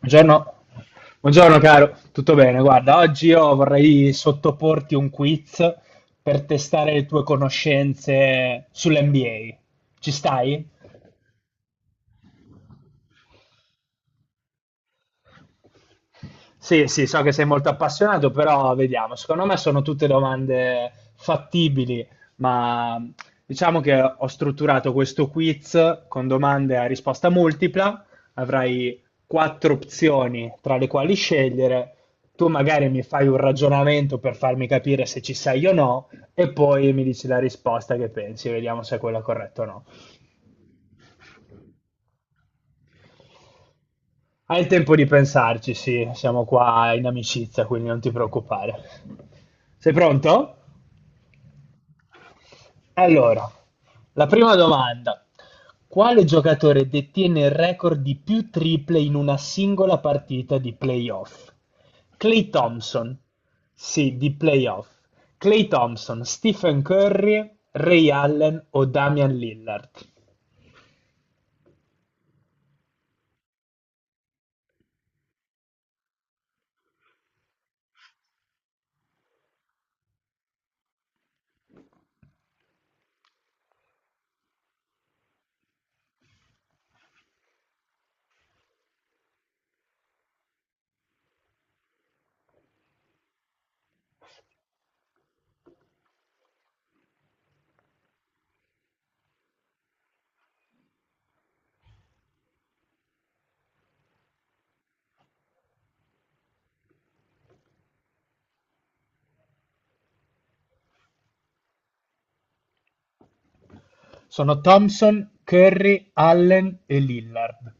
Buongiorno. Buongiorno caro, tutto bene? Guarda, oggi io vorrei sottoporti un quiz per testare le tue conoscenze sull'NBA. Ci stai? Sì, sì, so che sei molto appassionato, però vediamo. Secondo me sono tutte domande fattibili, ma diciamo che ho strutturato questo quiz con domande a risposta multipla. Avrai quattro opzioni tra le quali scegliere. Tu magari mi fai un ragionamento per farmi capire se ci sei o no, e poi mi dici la risposta che pensi, vediamo se è quella corretta o no. Hai il tempo di pensarci, sì, siamo qua in amicizia, quindi non ti preoccupare. Sei pronto? Allora, la prima domanda. Quale giocatore detiene il record di più triple in una singola partita di playoff? Clay Thompson. Sì, di playoff. Clay Thompson, Stephen Curry, Ray Allen o Damian Lillard? Sono Thompson, Curry, Allen e Lillard.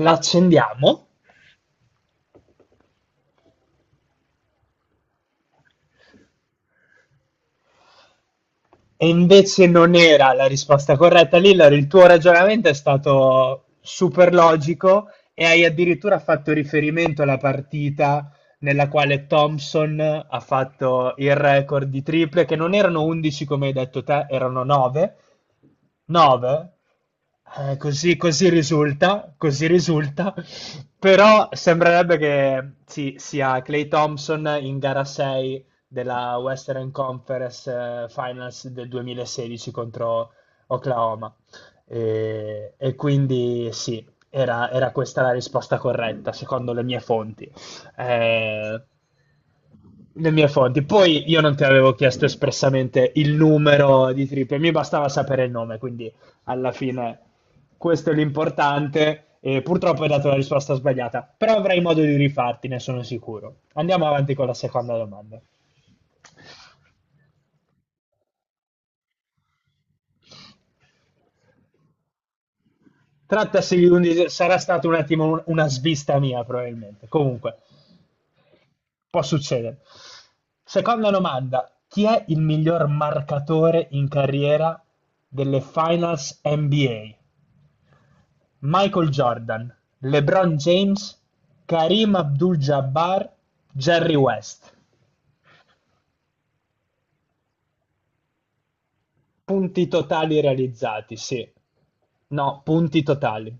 L'accendiamo? E invece non era la risposta corretta, Lillard. Il tuo ragionamento è stato super logico e hai addirittura fatto riferimento alla partita nella quale Thompson ha fatto il record di triple, che non erano 11 come hai detto te, erano 9. 9? Così, così risulta, però sembrerebbe che sì, sia Clay Thompson in gara 6 della Western Conference Finals del 2016 contro Oklahoma. E quindi sì, era questa la risposta corretta, secondo le mie fonti. Eh, le mie fonti. Poi io non ti avevo chiesto espressamente il numero di triple, mi bastava sapere il nome, quindi alla fine questo è l'importante. E purtroppo hai dato la risposta sbagliata, però avrai modo di rifarti, ne sono sicuro. Andiamo avanti con la seconda domanda. Trattasi di sarà stato un attimo una svista mia, probabilmente. Comunque, può succedere. Seconda domanda: chi è il miglior marcatore in carriera delle Finals NBA? Michael Jordan, LeBron James, Karim Abdul-Jabbar, Jerry West. Punti totali realizzati, sì. No, punti totali.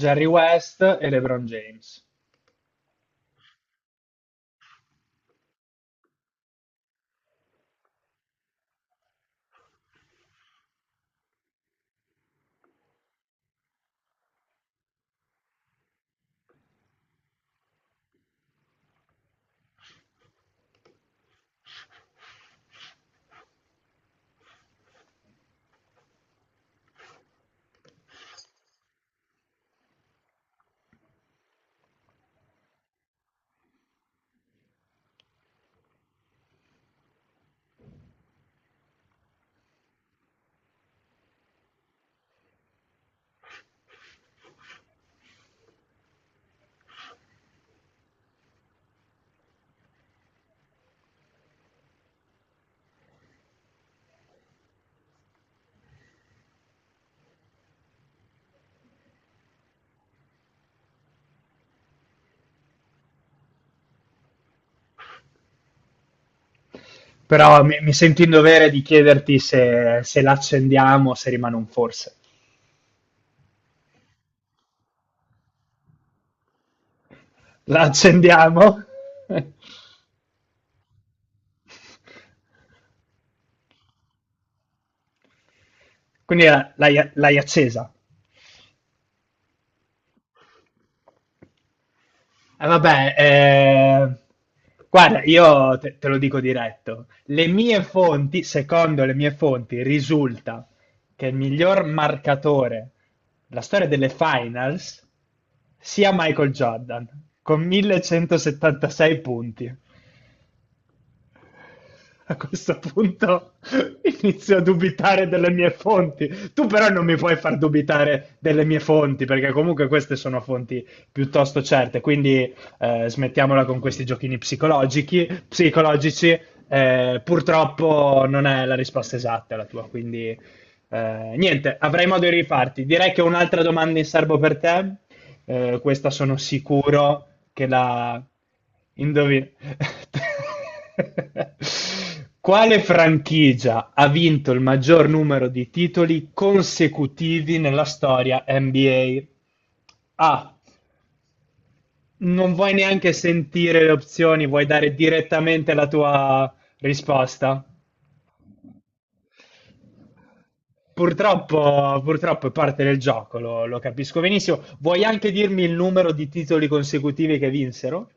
Jerry West e LeBron James. Però mi sento in dovere di chiederti se la accendiamo o se rimane un forse. La accendiamo? Quindi l'hai accesa. Vabbè, guarda, io te lo dico diretto. Le mie fonti, secondo le mie fonti, risulta che il miglior marcatore della storia delle finals sia Michael Jordan, con 1176 punti. A questo punto inizio a dubitare delle mie fonti. Tu però non mi puoi far dubitare delle mie fonti, perché comunque queste sono fonti piuttosto certe, quindi smettiamola con questi giochini psicologici. Psicologici. Purtroppo non è la risposta esatta la tua, quindi niente, avrai modo di rifarti. Direi che ho un'altra domanda in serbo per te. Questa sono sicuro che la indovina. Quale franchigia ha vinto il maggior numero di titoli consecutivi nella storia NBA? A. A. Non vuoi neanche sentire le opzioni, vuoi dare direttamente la tua risposta? Purtroppo, purtroppo è parte del gioco, lo capisco benissimo. Vuoi anche dirmi il numero di titoli consecutivi che vinsero?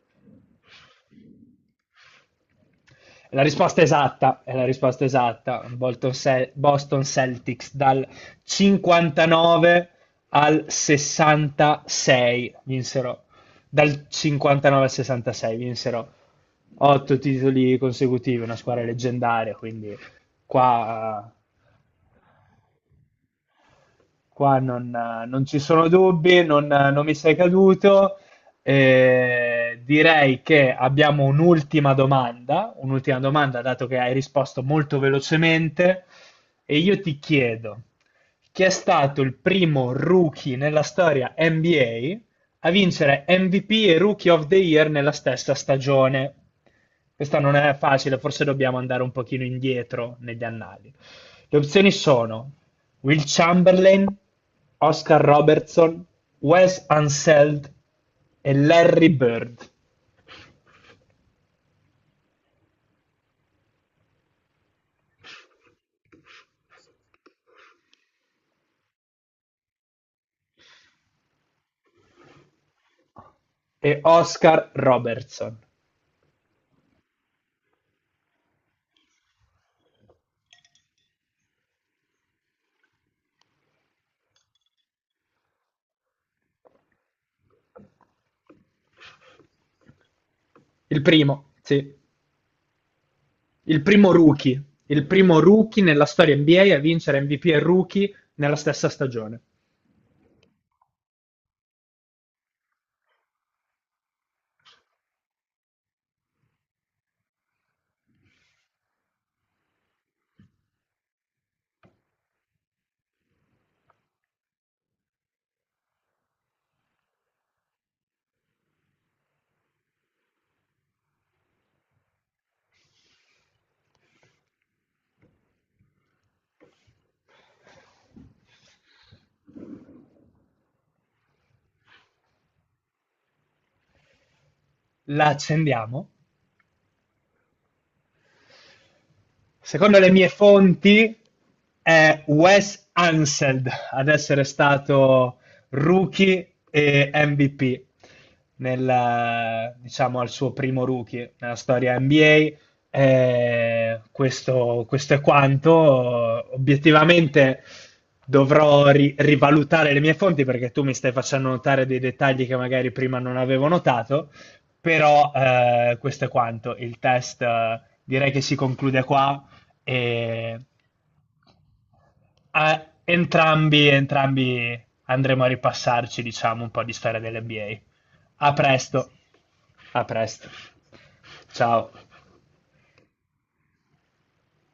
È La risposta esatta è la risposta esatta. Boston Celtics dal 59 al 66 vinsero. Dal 59 al 66 vinsero 8 titoli consecutivi, una squadra leggendaria, quindi qua Qua non ci sono dubbi, non mi sei caduto. Direi che abbiamo un'ultima domanda, dato che hai risposto molto velocemente, e io ti chiedo, chi è stato il primo rookie nella storia NBA a vincere MVP e Rookie of the Year nella stessa stagione? Questa non è facile, forse dobbiamo andare un pochino indietro negli annali. Le opzioni sono Will Chamberlain, Oscar Robertson, Wes Unseld e Larry Bird e Oscar Robertson. Il primo, sì. Il primo rookie, il primo rookie nella storia NBA a vincere MVP e Rookie nella stessa stagione. La accendiamo? Secondo le mie fonti è Wes Unseld ad essere stato rookie e MVP nel, diciamo, al suo primo rookie nella storia NBA. Questo è quanto. Obiettivamente dovrò rivalutare le mie fonti perché tu mi stai facendo notare dei dettagli che magari prima non avevo notato, però questo è quanto. Il test direi che si conclude qua. E entrambi, entrambi andremo a ripassarci, diciamo, un po' di storia dell'NBA. A presto. A presto. Ciao.